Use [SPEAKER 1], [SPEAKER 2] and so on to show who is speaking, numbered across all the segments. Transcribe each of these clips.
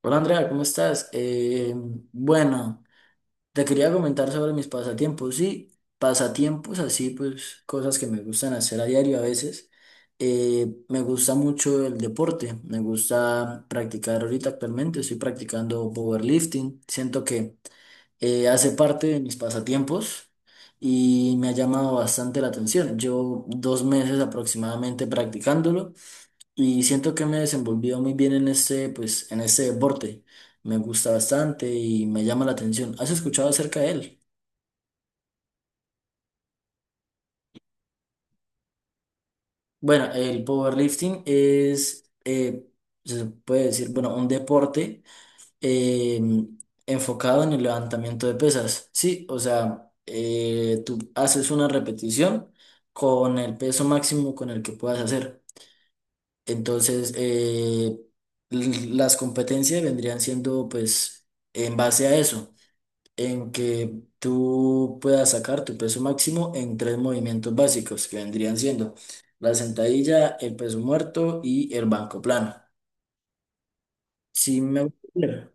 [SPEAKER 1] Hola Andrea, ¿cómo estás? Bueno, te quería comentar sobre mis pasatiempos. Sí, pasatiempos así, pues cosas que me gustan hacer a diario a veces. Me gusta mucho el deporte, me gusta practicar ahorita actualmente, estoy practicando powerlifting. Siento que hace parte de mis pasatiempos y me ha llamado bastante la atención. Llevo 2 meses aproximadamente practicándolo y siento que me he desenvolvido muy bien en este, pues, en este deporte. Me gusta bastante y me llama la atención. ¿Has escuchado acerca de él? Bueno, el powerlifting es, se puede decir, bueno, un deporte eh, enfocado en el levantamiento de pesas. Sí, o sea, tú haces una repetición con el peso máximo con el que puedas hacer. Entonces, las competencias vendrían siendo, pues, en base a eso, en que tú puedas sacar tu peso máximo en tres movimientos básicos que vendrían siendo la sentadilla, el peso muerto y el banco plano. Si me gustaría,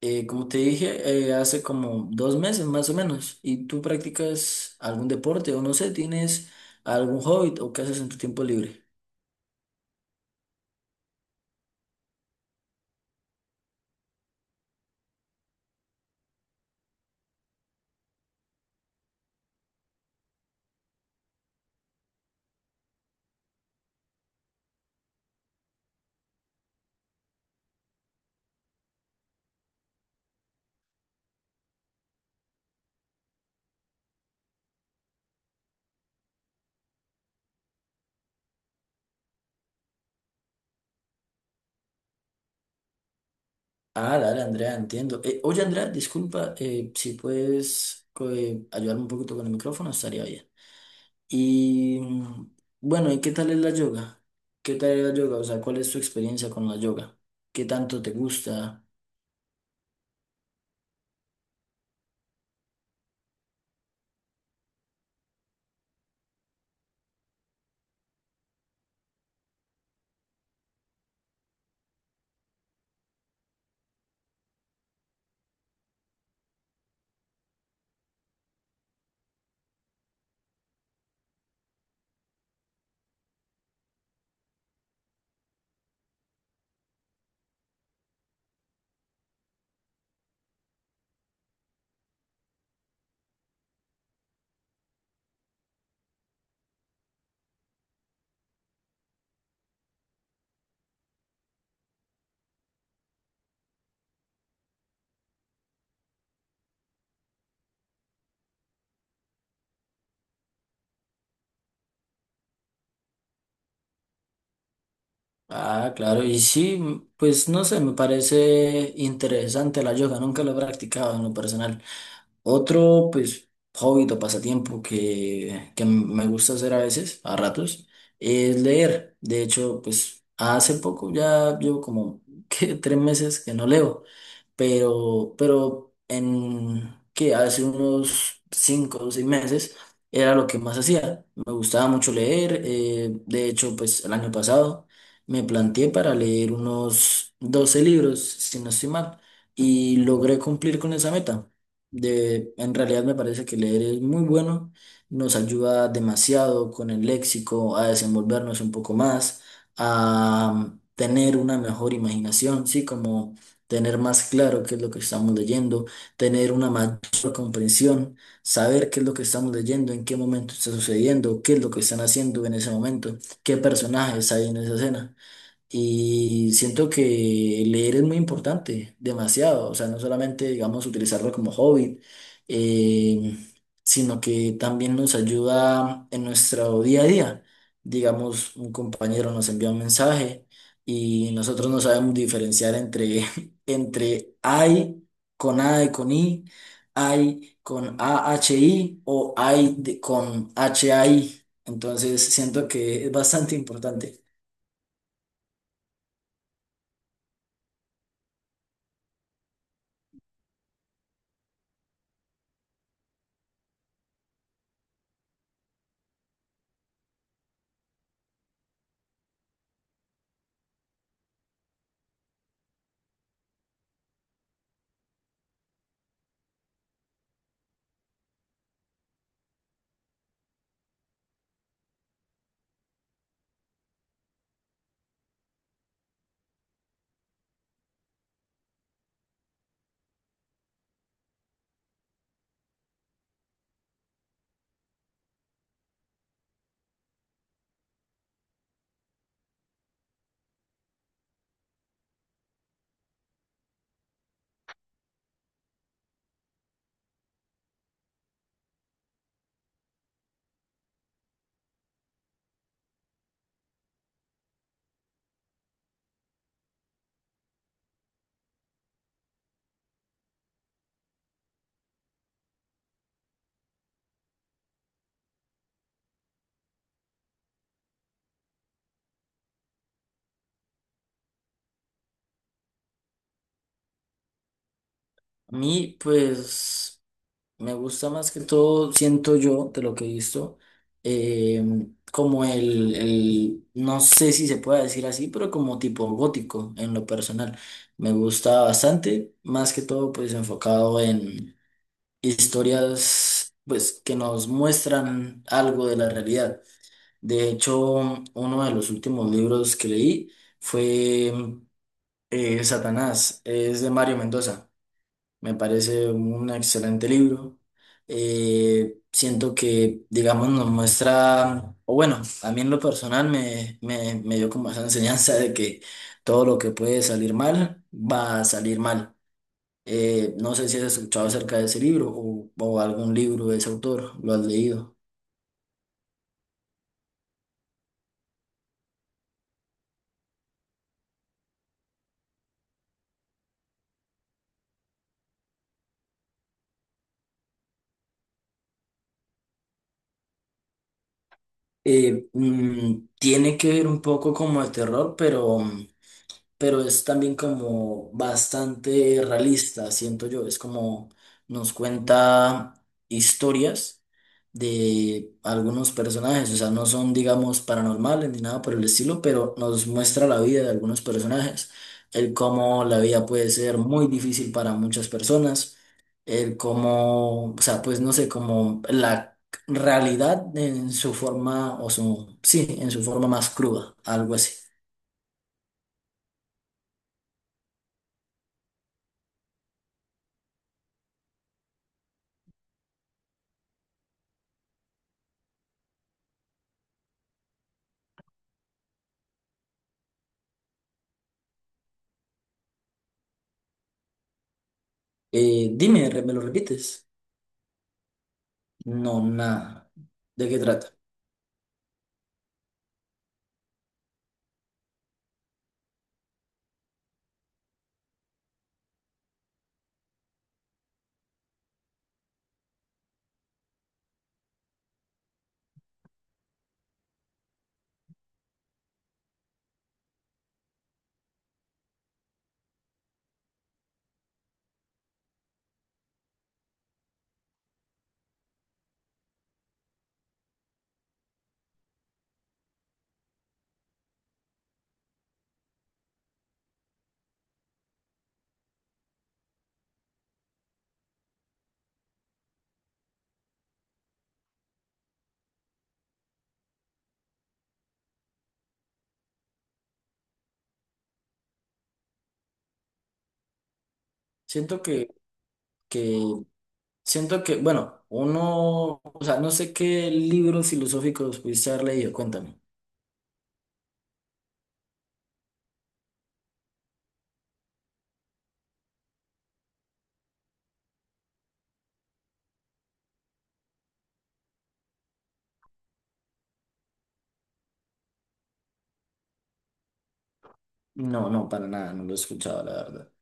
[SPEAKER 1] como te dije, hace como 2 meses más o menos, ¿y tú practicas algún deporte o no sé, tienes algún hobby o qué haces en tu tiempo libre? Ah, dale, Andrea, entiendo. Oye, Andrea, disculpa, si puedes ayudarme un poquito con el micrófono, estaría bien. Y bueno, ¿y qué tal es la yoga? ¿Qué tal es la yoga? O sea, ¿cuál es tu experiencia con la yoga? ¿Qué tanto te gusta? Ah, claro, y sí, pues no sé, me parece interesante la yoga, nunca lo he practicado en lo personal. Otro, pues, hobby o pasatiempo que me gusta hacer a veces, a ratos, es leer. De hecho, pues, hace poco ya llevo como que 3 meses que no leo, pero en que hace unos 5 o 6 meses era lo que más hacía. Me gustaba mucho leer. De hecho, pues, el año pasado me planteé para leer unos 12 libros, si no estoy mal, y logré cumplir con esa meta. De, en realidad me parece que leer es muy bueno, nos ayuda demasiado con el léxico a desenvolvernos un poco más, a tener una mejor imaginación, sí, como tener más claro qué es lo que estamos leyendo, tener una mayor comprensión, saber qué es lo que estamos leyendo, en qué momento está sucediendo, qué es lo que están haciendo en ese momento, qué personajes hay en esa escena. Y siento que leer es muy importante, demasiado. O sea, no solamente, digamos, utilizarlo como hobby, eh, sino que también nos ayuda en nuestro día a día. Digamos, un compañero nos envía un mensaje y nosotros no sabemos diferenciar entre, entre I con A y con I, I con a h i o I de- con h A i. Entonces, siento que es bastante importante. A mí, pues, me gusta más que todo, siento yo, de lo que he visto, eh, como el, no sé si se puede decir así, pero como tipo gótico en lo personal. Me gusta bastante, más que todo, pues, enfocado en historias, pues, que nos muestran algo de la realidad. De hecho, uno de los últimos libros que leí fue Satanás, es de Mario Mendoza. Me parece un excelente libro. Siento que, digamos, nos muestra, o bueno, a mí en lo personal me dio como esa enseñanza de que todo lo que puede salir mal va a salir mal. No sé si has escuchado acerca de ese libro o algún libro de ese autor, lo has leído. Tiene que ver un poco como de terror, pero es también como bastante realista, siento yo. Es como nos cuenta historias de algunos personajes, o sea, no son, digamos, paranormales ni nada por el estilo, pero nos muestra la vida de algunos personajes, el cómo la vida puede ser muy difícil para muchas personas, el cómo, o sea, pues no sé, como la realidad en su forma, o su, sí, en su forma más cruda, algo así. Dime, ¿me lo repites? No, nada. ¿De qué trata? Siento que, que, siento que, bueno, uno, o sea, no sé qué libros filosóficos pudiste haber leído, cuéntame. No, no, para nada, no lo he escuchado, la verdad.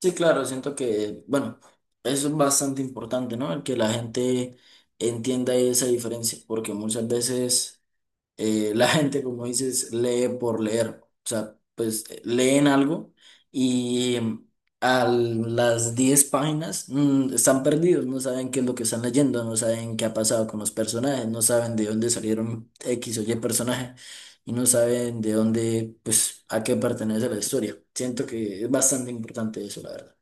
[SPEAKER 1] Sí, claro, siento que, bueno, eso es bastante importante, ¿no? El que la gente entienda esa diferencia, porque muchas veces la gente, como dices, lee por leer. O sea, pues leen algo y a las 10 páginas están perdidos, no saben qué es lo que están leyendo, no saben qué ha pasado con los personajes, no saben de dónde salieron X o Y personaje y no saben de dónde, pues, a qué pertenece la historia. Siento que es bastante importante eso, la verdad.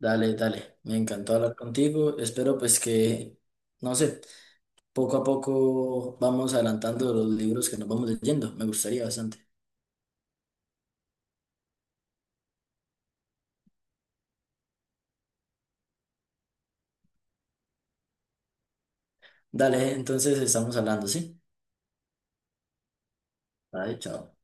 [SPEAKER 1] Dale, dale, me encantó hablar contigo. Espero pues que, no sé, poco a poco vamos adelantando los libros que nos vamos leyendo. Me gustaría bastante. Dale, entonces estamos hablando, ¿sí? Vale, chao.